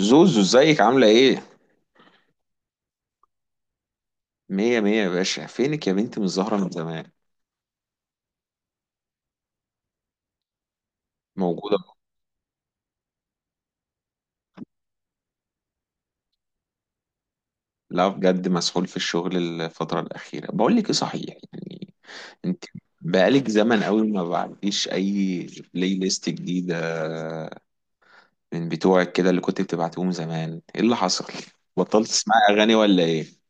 زوزو، ازيك؟ عاملة ايه؟ مية مية يا باشا. فينك يا بنتي؟ مش ظاهرة من زمان. موجودة. لا بجد، مسحول في الشغل الفترة الأخيرة. بقول لك ايه صحيح، يعني انت بقالك زمن قوي ما بعتيش أي بلاي ليست جديدة من بتوعك كده اللي كنت بتبعتيهم زمان. ايه اللي حصل؟ بطلت تسمعي أغاني ولا ايه؟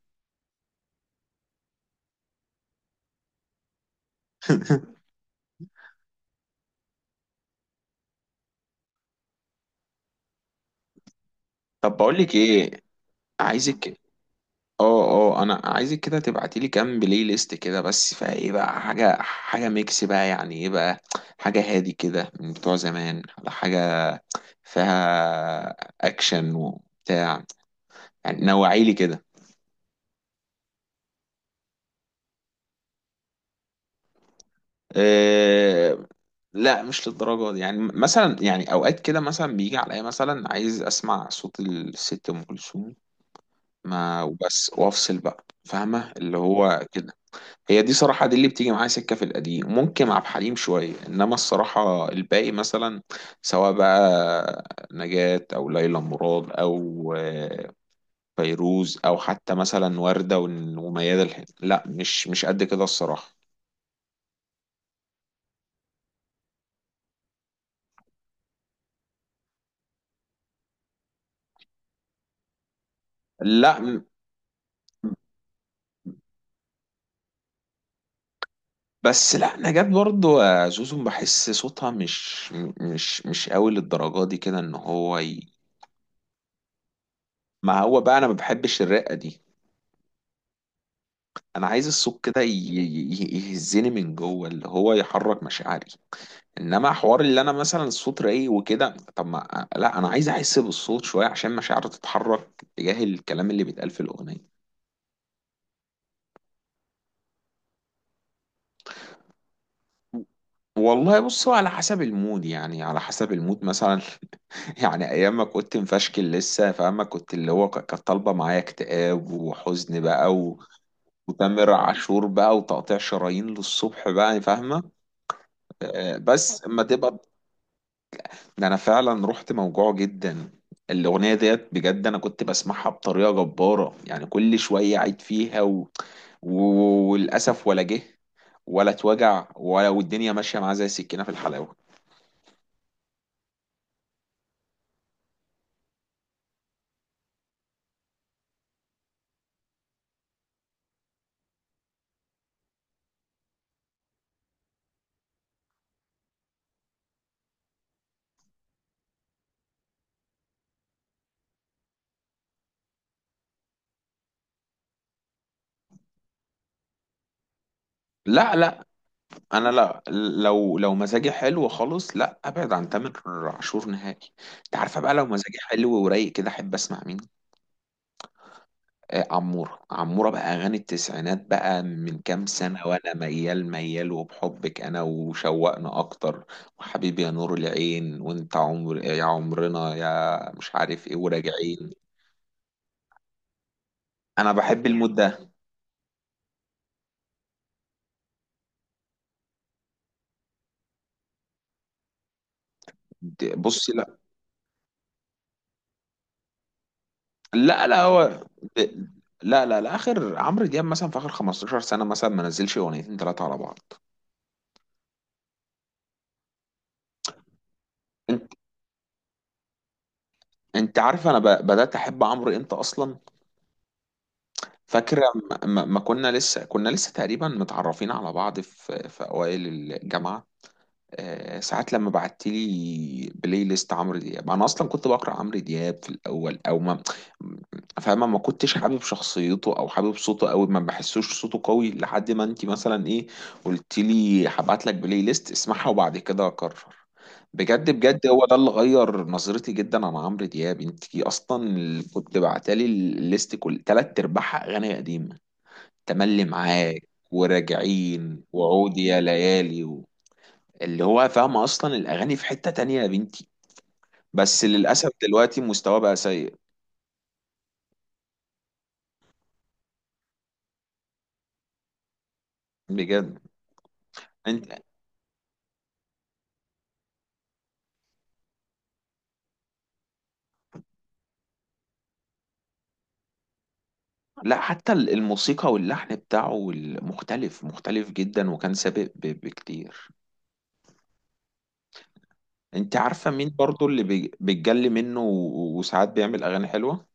طب بقول لك ايه، عايزك، اه اه، انا عايزك كده تبعتي لي كام بلاي ليست كده، بس فايه بقى حاجه حاجه ميكس بقى، يعني ايه بقى، حاجه هادي كده من بتوع زمان، على حاجه فيها اكشن وبتاع، يعني نوعي لي كده. أه، لا مش للدرجه دي. يعني مثلا، يعني اوقات كده مثلا بيجي عليا مثلا عايز اسمع صوت الست ام كلثوم ما وبس، وافصل بقى، فاهمه اللي هو كده. هي دي صراحة، دي اللي بتيجي معايا سكة في القديم، ممكن عبد الحليم شوية، إنما الصراحة الباقي مثلا سواء بقى نجاة أو ليلى مراد أو فيروز، أو حتى مثلا وردة وميادة الحناوي، لا مش قد كده الصراحة. لا م- بس لا، نجاة برضو، زوزو، بحس صوتها مش مش قوي للدرجة دي كده، إن هو ما هو بقى أنا ما بحبش الرقة دي. أنا عايز الصوت كده يهزني من جوه، اللي هو يحرك مشاعري. انما حوار اللي انا مثلا الصوت رايق وكده، طب ما لا، انا عايز احس بالصوت شويه عشان مشاعري تتحرك تجاه الكلام اللي بيتقال في الاغنيه. والله بصوا، على حسب المود، يعني على حسب المود مثلا، يعني ايام ما كنت مفشكل لسه، فاهمة، كنت اللي هو كانت طالبه معايا اكتئاب وحزن بقى، و... وتامر عاشور بقى وتقطيع شرايين للصبح بقى فاهمه. آه، بس اما تبقى، ده انا فعلا رحت موجوع جدا. الاغنيه ديت بجد انا كنت بسمعها بطريقه جباره، يعني كل شويه عيد فيها و... وللاسف ولا جه ولا اتوجع، ولا والدنيا ماشيه معاه زي السكينه في الحلاوه. لا لا، انا لا، لو مزاجي حلو خالص لا ابعد عن تامر عاشور نهائي. انت عارفه بقى لو مزاجي حلو ورايق كده احب اسمع مين؟ آه، عمورة، عمورة بقى، أغاني التسعينات بقى، من كام سنة وأنا ميال ميال، وبحبك أنا، وشوقنا أكتر، وحبيبي يا نور العين، وأنت عمر يا عمرنا، يا مش عارف إيه، وراجعين. أنا بحب المود ده. بصي لا، لا لا، هو د- لا لا لا، آخر عمرو دياب مثلا، في آخر 15 سنة مثلا ما نزلش أغنيتين ثلاثة على بعض. أنت، عارف أنا بدأت أحب عمرو إمتى أصلا؟ فاكرة؟ ما كنا لسه تقريبا متعرفين على بعض في أوائل الجامعة. آه، ساعات لما بعت لي بلاي ليست عمرو دياب، انا اصلا كنت بقرا عمرو دياب في الاول او ما، فاهمه ما كنتش حابب شخصيته او حابب صوته قوي، ما بحسوش صوته قوي، لحد ما انت مثلا ايه قلت لي هبعت لك بلاي ليست اسمعها وبعد كده اقرر. بجد بجد، هو ده اللي غير نظرتي جدا عن عمرو دياب. انت اصلا اللي كنت بعتلي الليست، كل تلات ارباعها اغاني قديمه، تملي معاك وراجعين وعود يا ليالي. اللي هو فاهمة أصلا الأغاني في حتة تانية يا بنتي. بس للأسف دلوقتي مستواه بقى سيء. بجد. انت لا، حتى الموسيقى واللحن بتاعه مختلف مختلف جدا، وكان سابق بكتير. انت عارفة مين برضو اللي بيتجلي منه وساعات بيعمل أغاني حلوة؟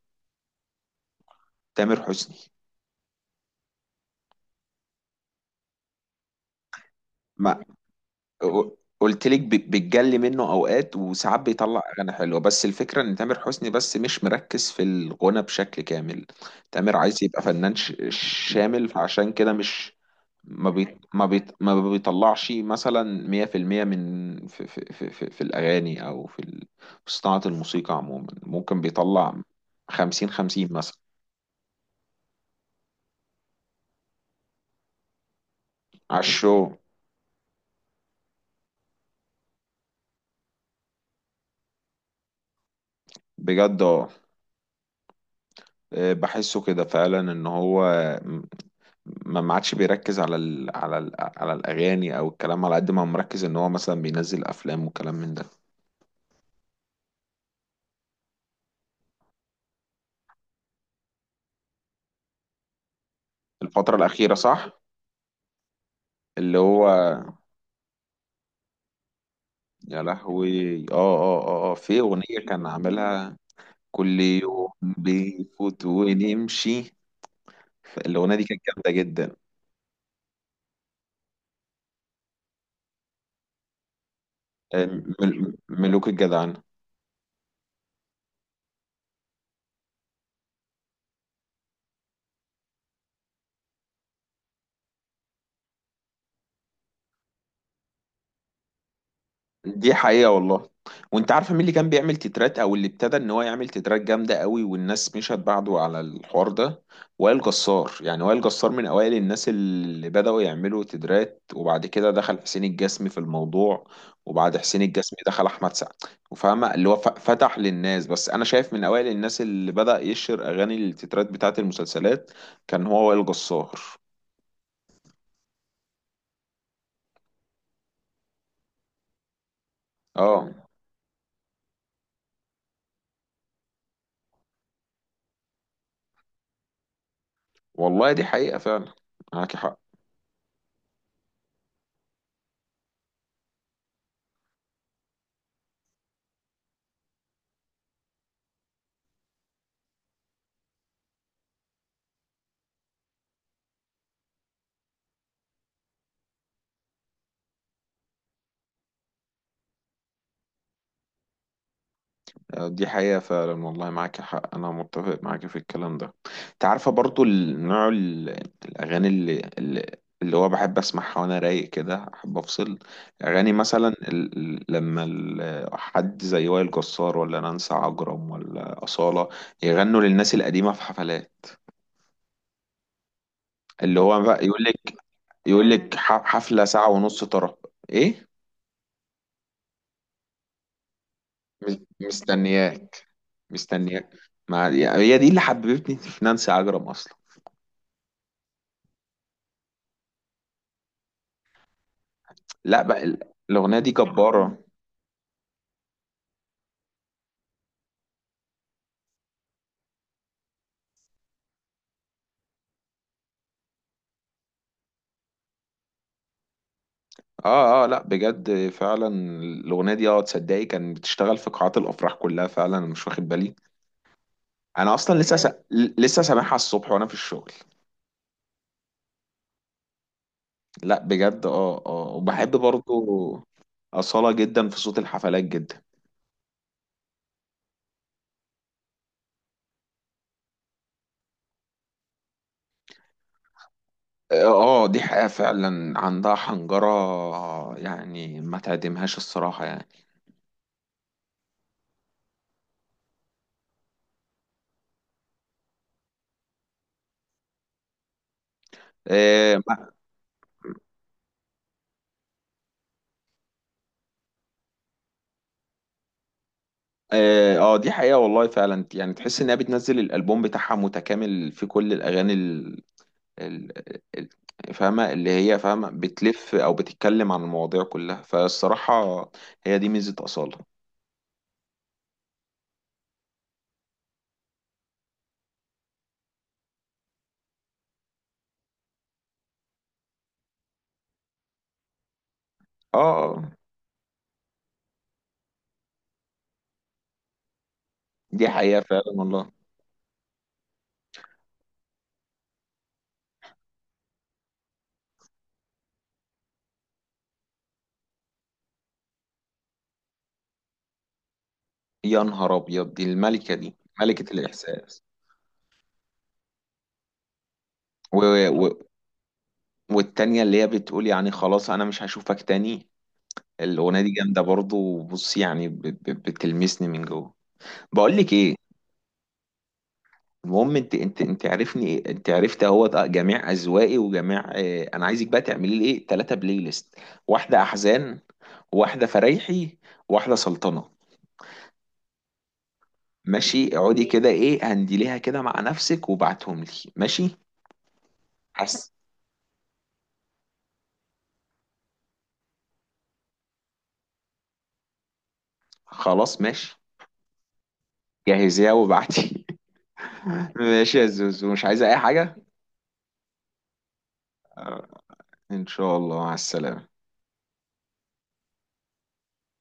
تامر حسني. ما قلت لك بتجلي منه اوقات، وساعات بيطلع اغاني حلوه، بس الفكره ان تامر حسني بس مش مركز في الغنى بشكل كامل. تامر عايز يبقى فنان شامل، فعشان كده مش ما بيطلعش مثلا 100% من، في الاغاني او في في صناعه الموسيقى عموما. ممكن بيطلع 50 50 مثلا. على الشو. بجد اه، بحسه كده فعلا، ان هو ما عادش بيركز على ال، على ال، على الاغاني او الكلام، على قد ما هو مركز ان هو مثلا بينزل افلام وكلام من ده. الفتره الاخيره صح. اللي هو، يا لهوي، اه اه اه اه، في اغنيه كان عاملها كل يوم بيفوت ونمشي. الاغنيه دي كانت جامده جدا. آه، ملوك الجدعان. دي حقيقة والله. وانت عارفة مين اللي كان بيعمل تترات، او اللي ابتدى ان هو يعمل تترات جامدة قوي والناس مشت بعده على الحوار ده؟ وائل جسار. يعني وائل جسار من اوائل الناس اللي بدأوا يعملوا تترات. وبعد كده دخل حسين الجسمي في الموضوع، وبعد حسين الجسمي دخل احمد سعد. وفاهمة اللي هو فتح للناس. بس انا شايف من اوائل الناس اللي بدأ يشهر اغاني التترات بتاعت المسلسلات كان هو وائل جسار. اه والله، دي حقيقة فعلا. معاكي حق. دي حقيقة فعلا والله، معاك حق. أنا متفق معاك في الكلام ده. أنت عارفة برضو النوع، الأغاني اللي هو بحب أسمعها وأنا رايق كده، أحب أفصل. أغاني مثلا لما حد زي وائل جسار ولا نانسي عجرم ولا أصالة يغنوا للناس القديمة في حفلات، اللي هو بقى يقول لك، حفلة ساعة ونص ترى. إيه، مستنياك، مستنياك. ما هي دي اللي حببتني في نانسي عجرم أصلا. لا بقى، الأغنية دي جبارة. اه اه، لا بجد فعلا. الأغنية دي، اه، تصدقي كان بتشتغل في قاعات الأفراح كلها فعلا؟ أنا مش واخد بالي. أنا أصلا لسه بجد لسه سامعها الصبح وأنا في الشغل. لا بجد، اه اه، وبحب برضو أصالة جدا في صوت الحفلات جدا. اه، آه، دي حقيقة فعلا، عندها حنجرة يعني ما تعدمهاش الصراحة يعني. آه، ما- اه، آه، دي حقيقة والله فعلا. يعني تحس انها بتنزل الالبوم بتاعها متكامل في كل الاغاني، ال- ال- فاهمة اللي هي، فاهمة بتلف أو بتتكلم عن المواضيع كلها، فالصراحة هي دي ميزة أصالة. آه، دي حقيقة فعلا والله. يا نهار أبيض، دي الملكة، دي ملكة الإحساس. و... و... والتانية اللي هي بتقول يعني خلاص أنا مش هشوفك تاني، الأغنية دي جامدة برضه. وبص يعني بتلمسني من جوه. بقول لك إيه، المهم انت عارفني، انت عرفت اهو ده جميع اذواقي وجميع. اه، انا عايزك بقى تعملي لي ايه ثلاثه بلاي ليست: واحده احزان، واحده فرايحي، واحده سلطنه. ماشي؟ اقعدي ماشي كده، ايه هنديليها كده مع نفسك وبعتهم لي. ماشي؟ حس. خلاص ماشي. جهزيها وبعتي. ماشي يا زوزو، مش عايزه اي حاجه؟ ان شاء الله، مع السلامه.